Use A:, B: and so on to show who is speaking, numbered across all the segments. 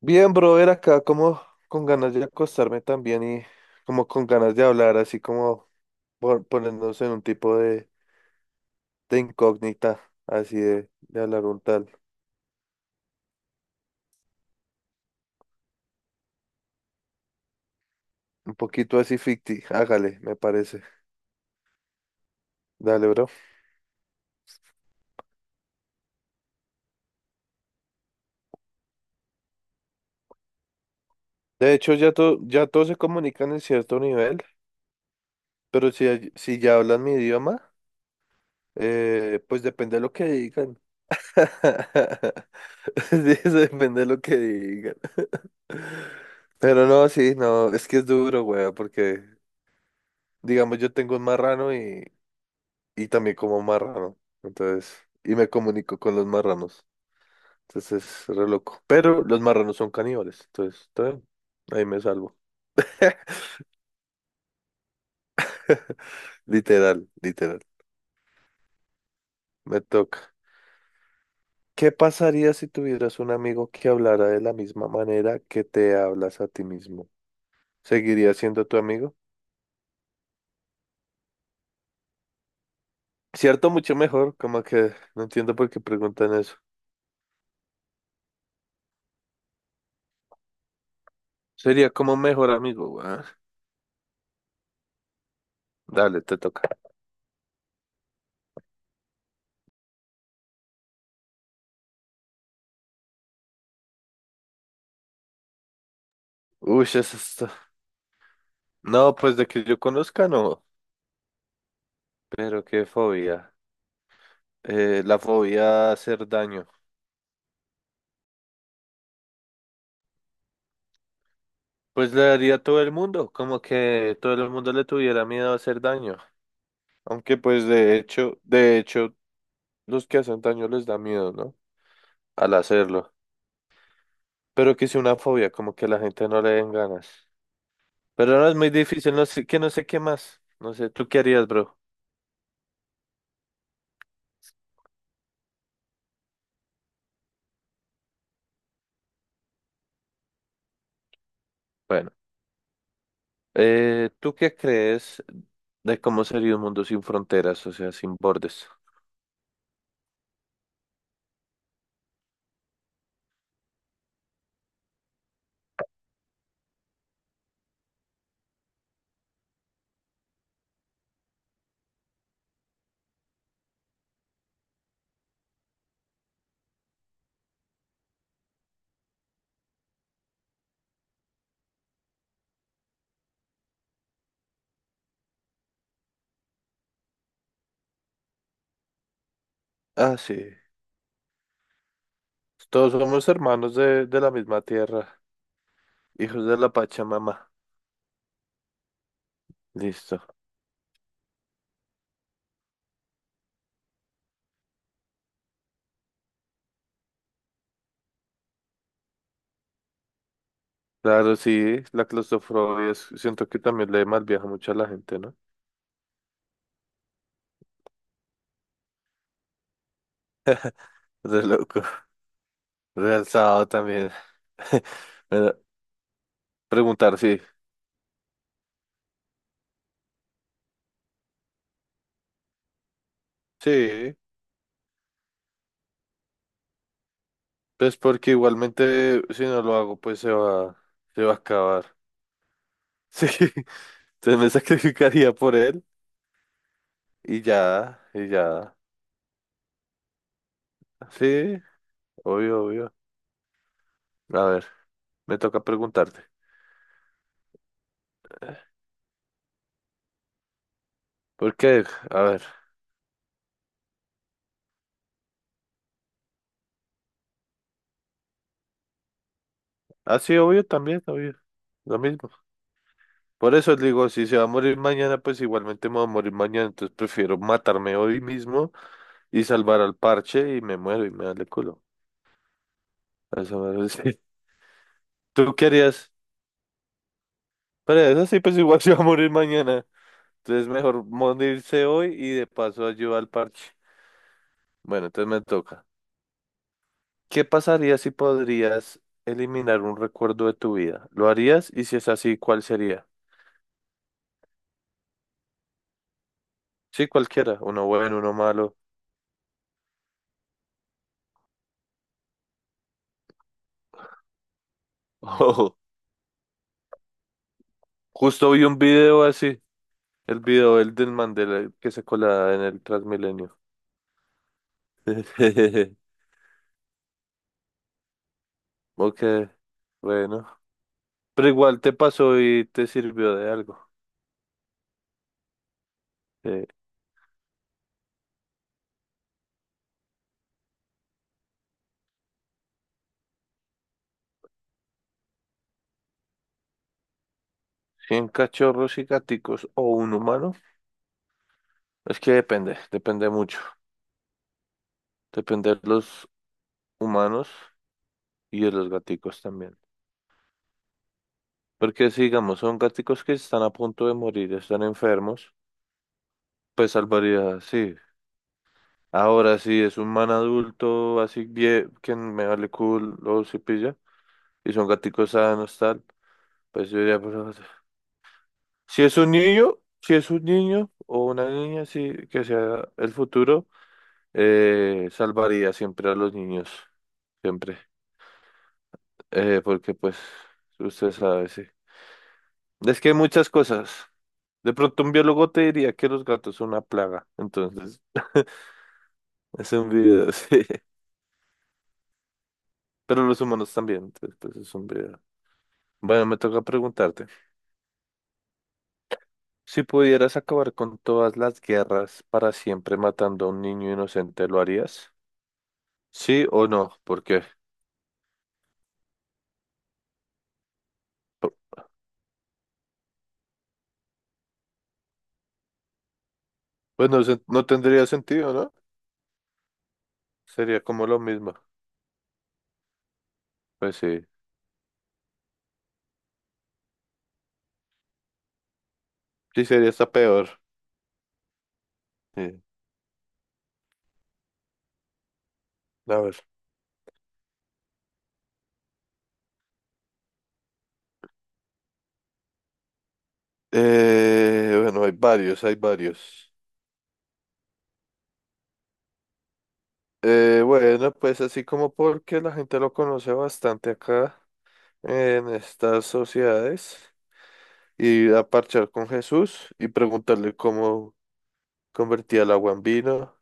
A: Bien, brother, acá como con ganas de acostarme también y como con ganas de hablar, así como ponernos en un tipo de incógnita, así de hablar un tal, un poquito así ficti, hágale, me parece. Dale, bro. De hecho, ya, ya todos se comunican en cierto nivel, pero si, si ya hablan mi idioma, pues depende de lo que digan. Sí, eso depende de lo que digan. Pero no, sí, no, es que es duro, güey, porque, digamos, yo tengo un marrano y también como marrano. Entonces, y me comunico con los marranos. Entonces es re loco. Pero los marranos son caníbales. Entonces, está bien. Ahí me salvo. Literal, literal. Me toca. ¿Qué pasaría si tuvieras un amigo que hablara de la misma manera que te hablas a ti mismo? ¿Seguiría siendo tu amigo? Cierto, mucho mejor. Como que no entiendo por qué preguntan eso. Sería como mejor amigo, weón. Dale, te toca. Uy, eso es. No, pues de que yo conozca, no. Pero qué fobia. La fobia a hacer daño. Pues le daría a todo el mundo, como que todo el mundo le tuviera miedo a hacer daño. Aunque pues de hecho, los que hacen daño les da miedo, ¿no? Al hacerlo. Pero que sea una fobia, como que a la gente no le den ganas. Pero no es muy difícil, no sé, que no sé qué más. No sé, ¿tú qué harías, bro? Bueno, ¿tú qué crees de cómo sería un mundo sin fronteras, o sea, sin bordes? Ah, sí. Todos somos hermanos de la misma tierra, hijos de la Pachamama. Listo. Claro, sí, la claustrofobia siento que también le malviaja mucho a la gente, ¿no? Re loco. Realzado también. Bueno, preguntar, sí. Sí, pues porque igualmente si no lo hago, pues se va a acabar. Sí, entonces me sacrificaría por él y ya, y ya. Sí, obvio, obvio. A ver, me toca preguntarte. ¿Por qué? A ver. Ah, sí, obvio, también, obvio. Lo mismo. Por eso les digo, si se va a morir mañana, pues igualmente me va a morir mañana. Entonces prefiero matarme hoy mismo y salvar al parche y me muero y me da el culo. A eso me parece. ¿Tú qué harías? Pero eso sí, pues igual se va a morir mañana. Entonces mejor morirse hoy y de paso ayudar al parche. Bueno, entonces me toca. ¿Qué pasaría si podrías eliminar un recuerdo de tu vida? ¿Lo harías? Y si es así, ¿cuál sería? Sí, cualquiera. Uno bueno, uno malo. Justo vi un video así, el video el del Mandela que se colaba en el Transmilenio. Ok, bueno. Pero igual te pasó y te sirvió de algo. Eh, 100 cachorros y gaticos o un humano. Es que depende, depende mucho. Depende de los humanos y de los gaticos también. Porque si, digamos, son gaticos que están a punto de morir, están enfermos, pues salvaría, sí. Ahora, sí es un man adulto, así bien, que me vale culo, si y son gaticos sanos, tal. Pues yo diría, pues, si es un niño, si es un niño o una niña, sí, que sea el futuro, salvaría siempre a los niños, siempre. Porque pues, usted sabe, sí. Es que hay muchas cosas. De pronto un biólogo te diría que los gatos son una plaga, entonces es un video, sí. Pero los humanos también, entonces pues es un video. Bueno, me toca preguntarte. Si pudieras acabar con todas las guerras para siempre matando a un niño inocente, ¿lo harías? ¿Sí o no? ¿Por qué? Pues no, no tendría sentido, ¿no? Sería como lo mismo. Pues sí. Sí, sería hasta peor. Sí. A ver. Bueno, hay varios, hay varios. Bueno, pues así como porque la gente lo conoce bastante acá en estas sociedades, ir a parchar con Jesús y preguntarle cómo convertía el agua en vino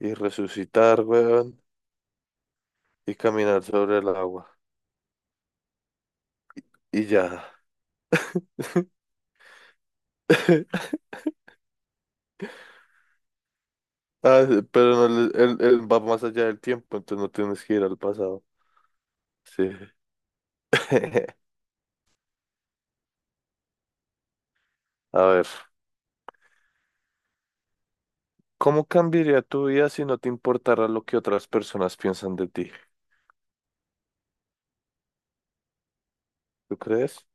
A: y resucitar, weón, y caminar sobre el agua. Y ya. Ah, sí, pero no, él va más allá del tiempo, entonces no tienes que ir al pasado. Sí. A ver, ¿cómo cambiaría tu vida si no te importara lo que otras personas piensan de ti? ¿Tú crees?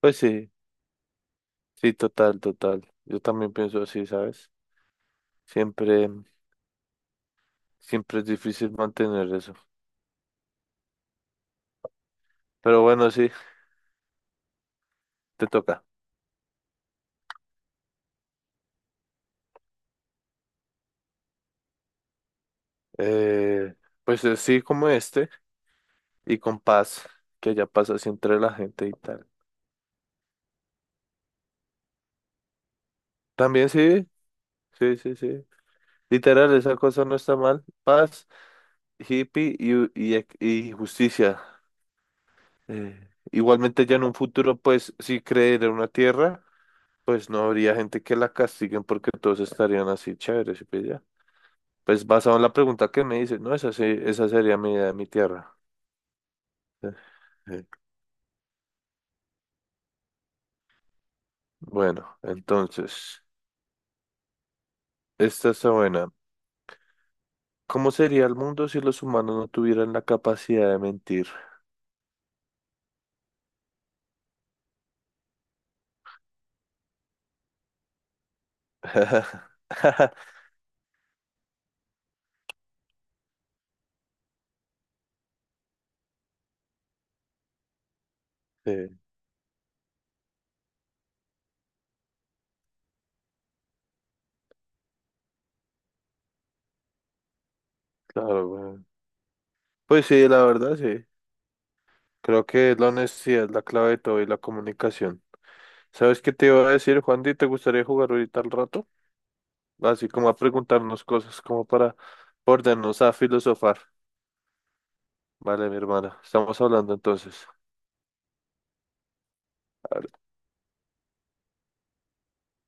A: Pues sí, sí, total, total. Yo también pienso así, ¿sabes? Siempre, siempre es difícil mantener eso. Pero bueno, sí, te toca. Eh, pues sí, como este, y con paz, que ya pasa así entre la gente y tal. También sí, sí, sí, sí. Literal, esa cosa no está mal. Paz, hippie y justicia. Igualmente ya en un futuro, pues, si creer en una tierra, pues no habría gente que la castiguen porque todos estarían así chéveres ¿sí pilla? Pues basado en la pregunta que me dices, no, esa sí, esa sería mi idea de mi tierra. Eh, eh. Bueno, entonces, esta está buena. ¿Cómo sería el mundo si los humanos no tuvieran la capacidad de mentir? Sí, claro, weón. Pues sí, la verdad, sí. Creo que la honestidad es la clave de todo y la comunicación. ¿Sabes qué te iba a decir, Juandi? ¿Te gustaría jugar ahorita al rato? Así como a preguntarnos cosas, como para ponernos a filosofar. Vale, mi hermana. Estamos hablando entonces.